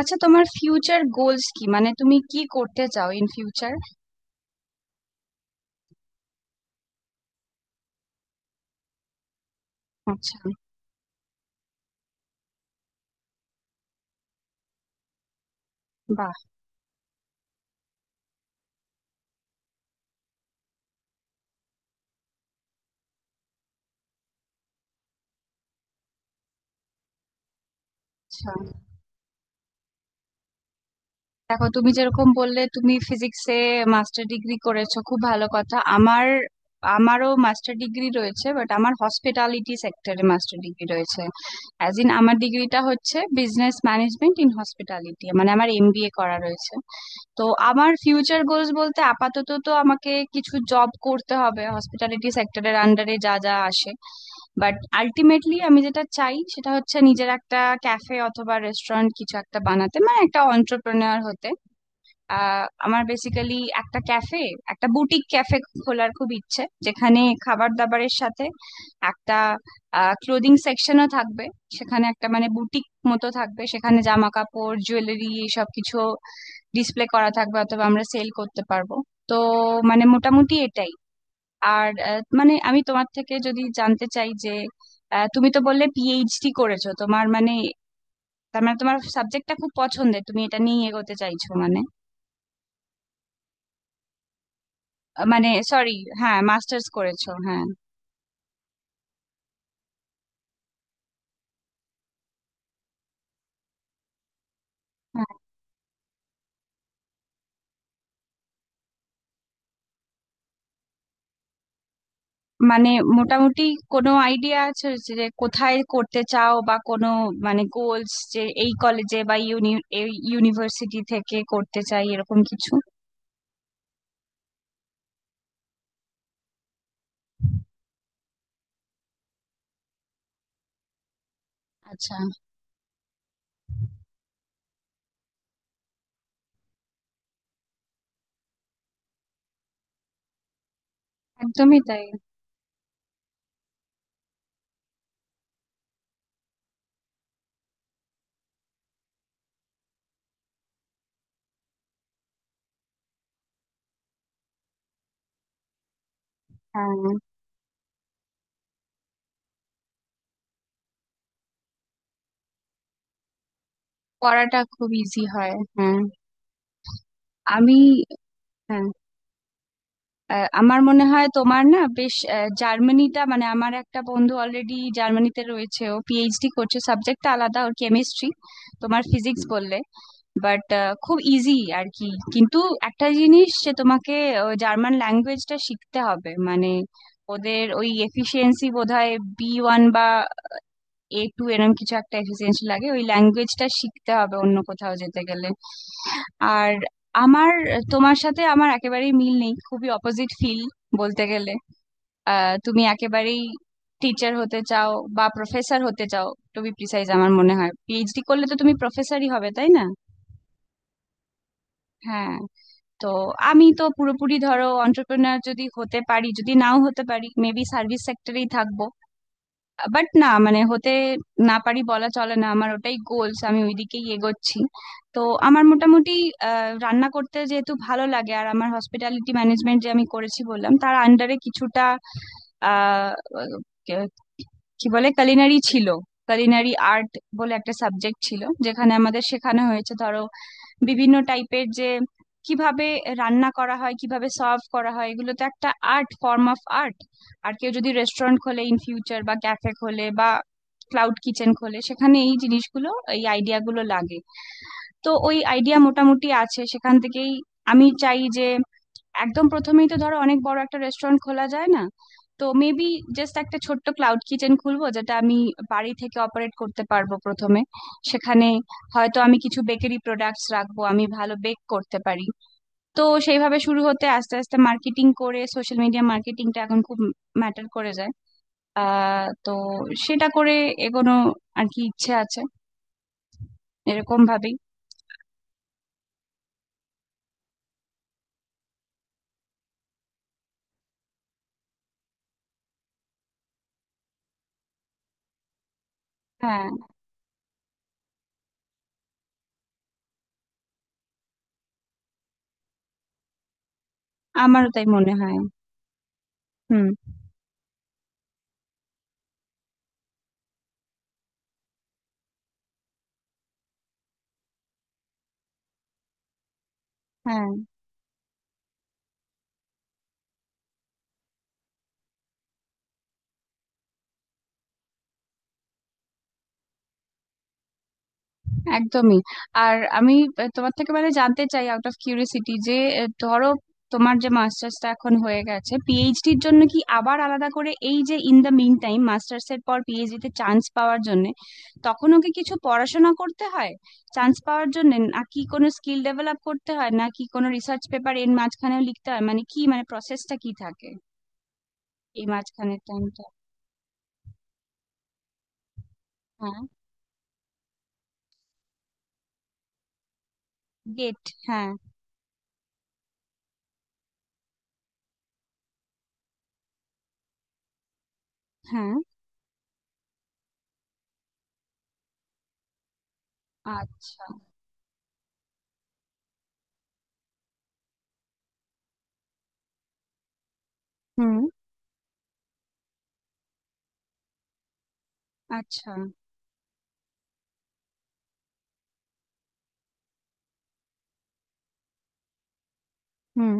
আচ্ছা, তোমার future goals কি? মানে তুমি কি করতে চাও ইন ফিউচার? আচ্ছা। বাহ। আচ্ছা, দেখো, তুমি যেরকম বললে তুমি ফিজিক্সে মাস্টার ডিগ্রি করেছো, খুব ভালো কথা। আমার, আমারও মাস্টার ডিগ্রি রয়েছে, বাট আমার হসপিটালিটি সেক্টরে মাস্টার ডিগ্রি রয়েছে। অ্যাজ ইন, আমার ডিগ্রিটা হচ্ছে বিজনেস ম্যানেজমেন্ট ইন হসপিটালিটি, মানে আমার এমবিএ করা রয়েছে। তো আমার ফিউচার গোলস বলতে, আপাতত তো আমাকে কিছু জব করতে হবে হসপিটালিটি সেক্টরের আন্ডারে যা যা আসে, বাট আলটিমেটলি আমি যেটা চাই সেটা হচ্ছে নিজের একটা ক্যাফে অথবা রেস্টুরেন্ট কিছু একটা বানাতে, মানে একটা অন্টারপ্রেনার হতে। আমার বেসিক্যালি একটা ক্যাফে, একটা বুটিক ক্যাফে খোলার খুব ইচ্ছে, যেখানে খাবার দাবারের সাথে একটা ক্লোদিং সেকশনও থাকবে। সেখানে একটা মানে বুটিক মতো থাকবে, সেখানে জামা কাপড় জুয়েলারি এসব কিছু ডিসপ্লে করা থাকবে অথবা আমরা সেল করতে পারবো। তো মানে মোটামুটি এটাই। আর মানে আমি তোমার থেকে যদি জানতে চাই যে, তুমি তো বললে পিএইচডি করেছো, তোমার মানে, তার মানে তোমার সাবজেক্টটা খুব পছন্দের, তুমি এটা নিয়ে এগোতে চাইছো মানে? মানে সরি, হ্যাঁ মাস্টার্স করেছো, হ্যাঁ। হ্যাঁ, মানে মোটামুটি কোনো আইডিয়া আছে যে কোথায় করতে চাও, বা কোনো মানে গোলস যে এই কলেজে বা ইউনিভার্সিটি থেকে করতে চাই, এরকম কিছু? আচ্ছা। একদমই তাই। হ্যাঁ, পড়াটা খুব ইজি হয়, হ্যাঁ। আমি, হ্যাঁ, আমার মনে হয় তোমার না বেশ, জার্মানিটা, মানে আমার একটা বন্ধু অলরেডি জার্মানিতে রয়েছে, ও পিএইচডি করছে, সাবজেক্টটা আলাদা, ওর কেমিস্ট্রি, তোমার ফিজিক্স বললে, বাট খুব ইজি আর কি। কিন্তু একটা জিনিস যে তোমাকে জার্মান ল্যাঙ্গুয়েজটা শিখতে হবে, মানে ওদের ওই এফিসিয়েন্সি বোধহয় বি ওয়ান বা এ টু এরম কিছু একটা এফিসিয়েন্সি লাগে, ওই ল্যাঙ্গুয়েজটা শিখতে হবে অন্য কোথাও যেতে গেলে। আর আমার, তোমার সাথে আমার একেবারেই মিল নেই, খুবই অপোজিট ফিল বলতে গেলে। তুমি একেবারেই টিচার হতে চাও বা প্রফেসর হতে চাও, টু বি প্রিসাইজ আমার মনে হয় পিএইচডি করলে তো তুমি প্রফেসরই হবে, তাই না? হ্যাঁ। তো আমি তো পুরোপুরি ধরো অন্টারপ্রেনার যদি হতে পারি, যদি নাও হতে পারি মেবি সার্ভিস সেক্টরেই থাকবো। বাট না মানে হতে না পারি বলা চলে না, আমার ওটাই গোলস, আমি ওইদিকেই এগোচ্ছি। তো আমার মোটামুটি, রান্না করতে যেহেতু ভালো লাগে, আর আমার হসপিটালিটি ম্যানেজমেন্ট যে আমি করেছি বললাম, তার আন্ডারে কিছুটা আহ কে- কি বলে, কালিনারি ছিল, কালিনারি আর্ট বলে একটা সাবজেক্ট ছিল, যেখানে আমাদের শেখানো হয়েছে ধরো বিভিন্ন টাইপের যে কিভাবে রান্না করা হয়, কিভাবে সার্ভ করা হয়, এগুলো তো একটা আর্ট, ফর্ম অফ আর্ট। আর কেউ যদি রেস্টুরেন্ট খোলে ইন ফিউচার, বা ক্যাফে খোলে, বা ক্লাউড কিচেন খোলে, সেখানে এই জিনিসগুলো, এই আইডিয়া গুলো লাগে। তো ওই আইডিয়া মোটামুটি আছে সেখান থেকেই। আমি চাই যে একদম প্রথমেই তো ধরো অনেক বড় একটা রেস্টুরেন্ট খোলা যায় না, তো মেবি জাস্ট একটা ছোট্ট ক্লাউড কিচেন খুলবো যেটা আমি বাড়ি থেকে অপারেট করতে পারবো প্রথমে। সেখানে হয়তো আমি কিছু বেকারি প্রোডাক্টস রাখবো, আমি ভালো বেক করতে পারি। তো সেইভাবে শুরু হতে আস্তে আস্তে মার্কেটিং করে, সোশ্যাল মিডিয়া মার্কেটিংটা এখন খুব ম্যাটার করে যায়। আহ, তো সেটা করে এগোনো আর কি ইচ্ছে আছে এরকম ভাবেই। হ্যাঁ। আমারও তাই মনে হয়। হুম। হ্যাঁ, একদমই। আর আমি তোমার থেকে মানে জানতে চাই আউট অফ কিউরিসিটি যে, ধরো তোমার যে মাস্টার্সটা এখন হয়ে গেছে, পিএইচডির জন্য কি আবার আলাদা করে, এই যে in the meantime masters এর পর পিএইচডি তে চান্স পাওয়ার জন্য তখনও কি কিছু পড়াশোনা করতে হয় চান্স পাওয়ার জন্য, নাকি কোনো স্কিল ডেভেলপ করতে হয়, নাকি কোনো রিসার্চ পেপার এর মাঝখানেও লিখতে হয়, মানে কি মানে প্রসেসটা কি থাকে এই মাঝখানের টাইমটা? হ্যাঁ। গেট, হ্যাঁ। হ্যাঁ। আচ্ছা। হুম। আচ্ছা। হুম।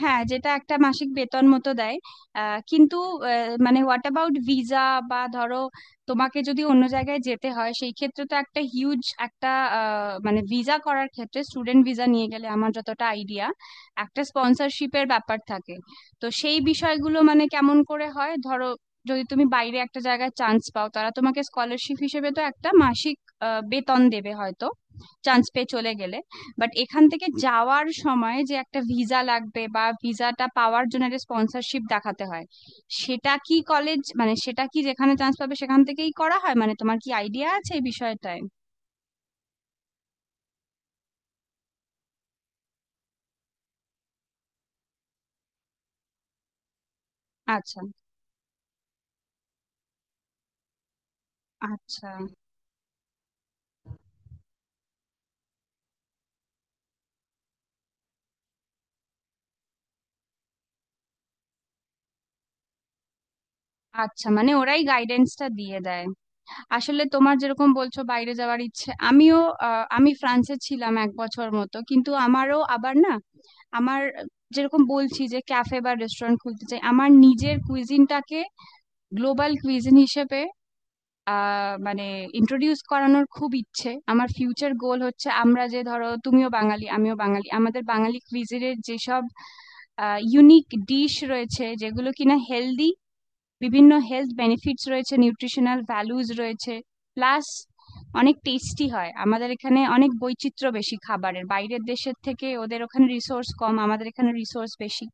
হ্যাঁ, যেটা একটা মাসিক বেতন মতো দেয়। কিন্তু মানে হোয়াট অ্যাবাউট ভিসা? বা ধরো তোমাকে যদি অন্য জায়গায় যেতে হয় সেই ক্ষেত্রে তো একটা হিউজ একটা, মানে ভিসা করার ক্ষেত্রে স্টুডেন্ট ভিসা নিয়ে গেলে আমার যতটা আইডিয়া একটা স্পন্সরশিপের ব্যাপার থাকে। তো সেই বিষয়গুলো মানে কেমন করে হয়, ধরো যদি তুমি বাইরে একটা জায়গায় চান্স পাও, তারা তোমাকে স্কলারশিপ হিসেবে তো একটা মাসিক বেতন দেবে হয়তো, চান্স পেয়ে চলে গেলে। বাট এখান থেকে যাওয়ার সময় যে একটা ভিসা লাগবে, বা ভিসাটা পাওয়ার জন্য একটা স্পন্সরশিপ দেখাতে হয়, সেটা কি কলেজ, মানে সেটা কি যেখানে চান্স পাবে সেখান থেকেই করা হয়? মানে তোমার কি আইডিয়া আছে এই বিষয়টায়? আচ্ছা। আচ্ছা। আচ্ছা, মানে ওরাই গাইডেন্সটা দিয়ে দেয়। আসলে তোমার যেরকম বলছো বাইরে যাওয়ার ইচ্ছে, আমিও আমি ফ্রান্সে ছিলাম 1 বছর মতো, কিন্তু আমারও আবার না, আমার যেরকম বলছি যে ক্যাফে বা রেস্টুরেন্ট খুলতে চাই, আমার নিজের কুইজিনটাকে গ্লোবাল কুইজিন হিসেবে আহ মানে ইন্ট্রোডিউস করানোর খুব ইচ্ছে। আমার ফিউচার গোল হচ্ছে আমরা যে ধরো তুমিও বাঙালি আমিও বাঙালি, আমাদের বাঙালি কুইজিনের যেসব ইউনিক ডিশ রয়েছে যেগুলো কিনা হেলদি, বিভিন্ন হেলথ বেনিফিটস রয়েছে, নিউট্রিশনাল ভ্যালুজ রয়েছে, প্লাস অনেক টেস্টি হয়, আমাদের এখানে অনেক বৈচিত্র্য বেশি খাবারের, বাইরের দেশের থেকে ওদের ওখানে রিসোর্স কম, আমাদের এখানে রিসোর্স বেশি।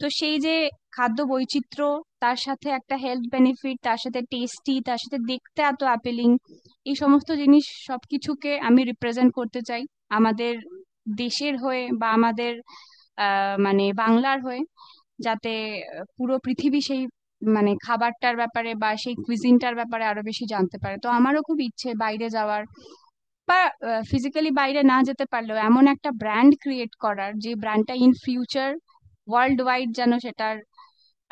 তো সেই যে খাদ্য বৈচিত্র্য, তার সাথে একটা হেলথ বেনিফিট, তার সাথে টেস্টি, তার সাথে দেখতে এত অ্যাপিলিং, এই সমস্ত জিনিস সবকিছুকে আমি রিপ্রেজেন্ট করতে চাই আমাদের দেশের হয়ে, বা আমাদের আহ মানে বাংলার হয়ে, যাতে পুরো পৃথিবী সেই মানে খাবারটার ব্যাপারে বা সেই কুইজিনটার ব্যাপারে আরো বেশি জানতে পারে। তো আমারও খুব ইচ্ছে বাইরে যাওয়ার, বা ফিজিক্যালি বাইরে না যেতে পারলেও এমন একটা ব্র্যান্ড ক্রিয়েট করার, যে ব্র্যান্ডটা ইন ফিউচার ওয়ার্ল্ড ওয়াইড যেন, সেটার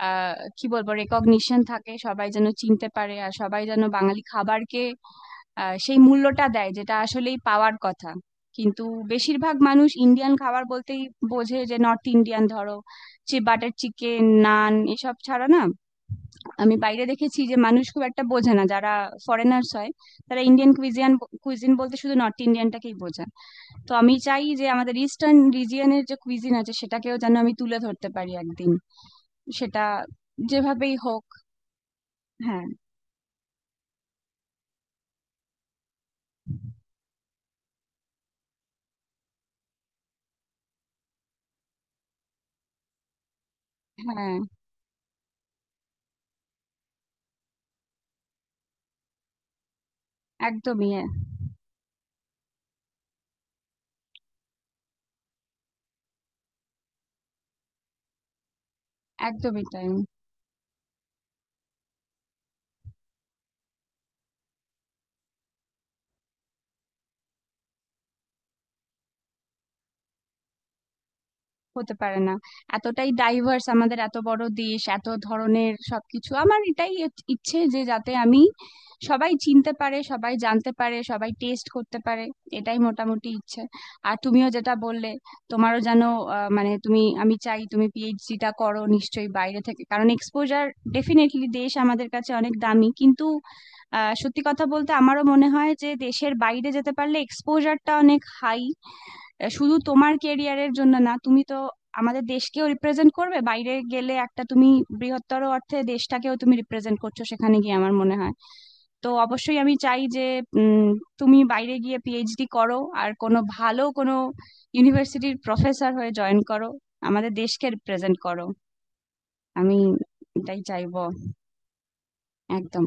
কি বলবো, রেকগনিশন থাকে, সবাই যেন চিনতে পারে, আর সবাই যেন বাঙালি খাবারকে সেই মূল্যটা দেয় যেটা আসলেই পাওয়ার কথা। কিন্তু বেশিরভাগ মানুষ ইন্ডিয়ান খাবার বলতেই বোঝে যে নর্থ ইন্ডিয়ান, ধরো যে বাটার চিকেন নান এসব ছাড়া না। আমি বাইরে দেখেছি যে মানুষ খুব একটা বোঝে না যারা ফরেনার্স হয়, তারা ইন্ডিয়ান কুইজিন বলতে শুধু নর্থ ইন্ডিয়ানটাকেই বোঝে। তো আমি চাই যে আমাদের ইস্টার্ন রিজিয়নের যে কুইজিন আছে সেটাকেও যেন আমি তুলে ধরতে পারি একদিন, সেটা যেভাবেই হোক। হ্যাঁ। হ্যাঁ। একদমই। একদমই তাই। হতে পারে না, এতটাই ডাইভার্স আমাদের, এত বড় দেশ, এত ধরনের সবকিছু। আমার এটাই ইচ্ছে যে যাতে আমি, সবাই চিনতে পারে, সবাই জানতে পারে, সবাই টেস্ট করতে পারে, এটাই মোটামুটি ইচ্ছে। আর তুমিও যেটা বললে, তোমারও যেন মানে তুমি, আমি চাই তুমি পিএইচডিটা করো নিশ্চয়ই বাইরে থেকে, কারণ এক্সপোজার ডেফিনেটলি, দেশ আমাদের কাছে অনেক দামি, কিন্তু আহ সত্যি কথা বলতে আমারও মনে হয় যে দেশের বাইরে যেতে পারলে এক্সপোজারটা অনেক হাই। আহ, শুধু তোমার কেরিয়ারের জন্য না, তুমি তো আমাদের দেশকেও রিপ্রেজেন্ট করবে বাইরে গেলে, একটা তুমি বৃহত্তর অর্থে দেশটাকেও তুমি রিপ্রেজেন্ট করছো সেখানে গিয়ে, আমার মনে হয়। তো অবশ্যই আমি চাই যে উম, তুমি বাইরে গিয়ে পিএইচডি করো আর কোনো ভালো কোনো ইউনিভার্সিটির প্রফেসর হয়ে জয়েন করো, আমাদের দেশকে রিপ্রেজেন্ট করো। আমি এটাই চাইবো। একদম।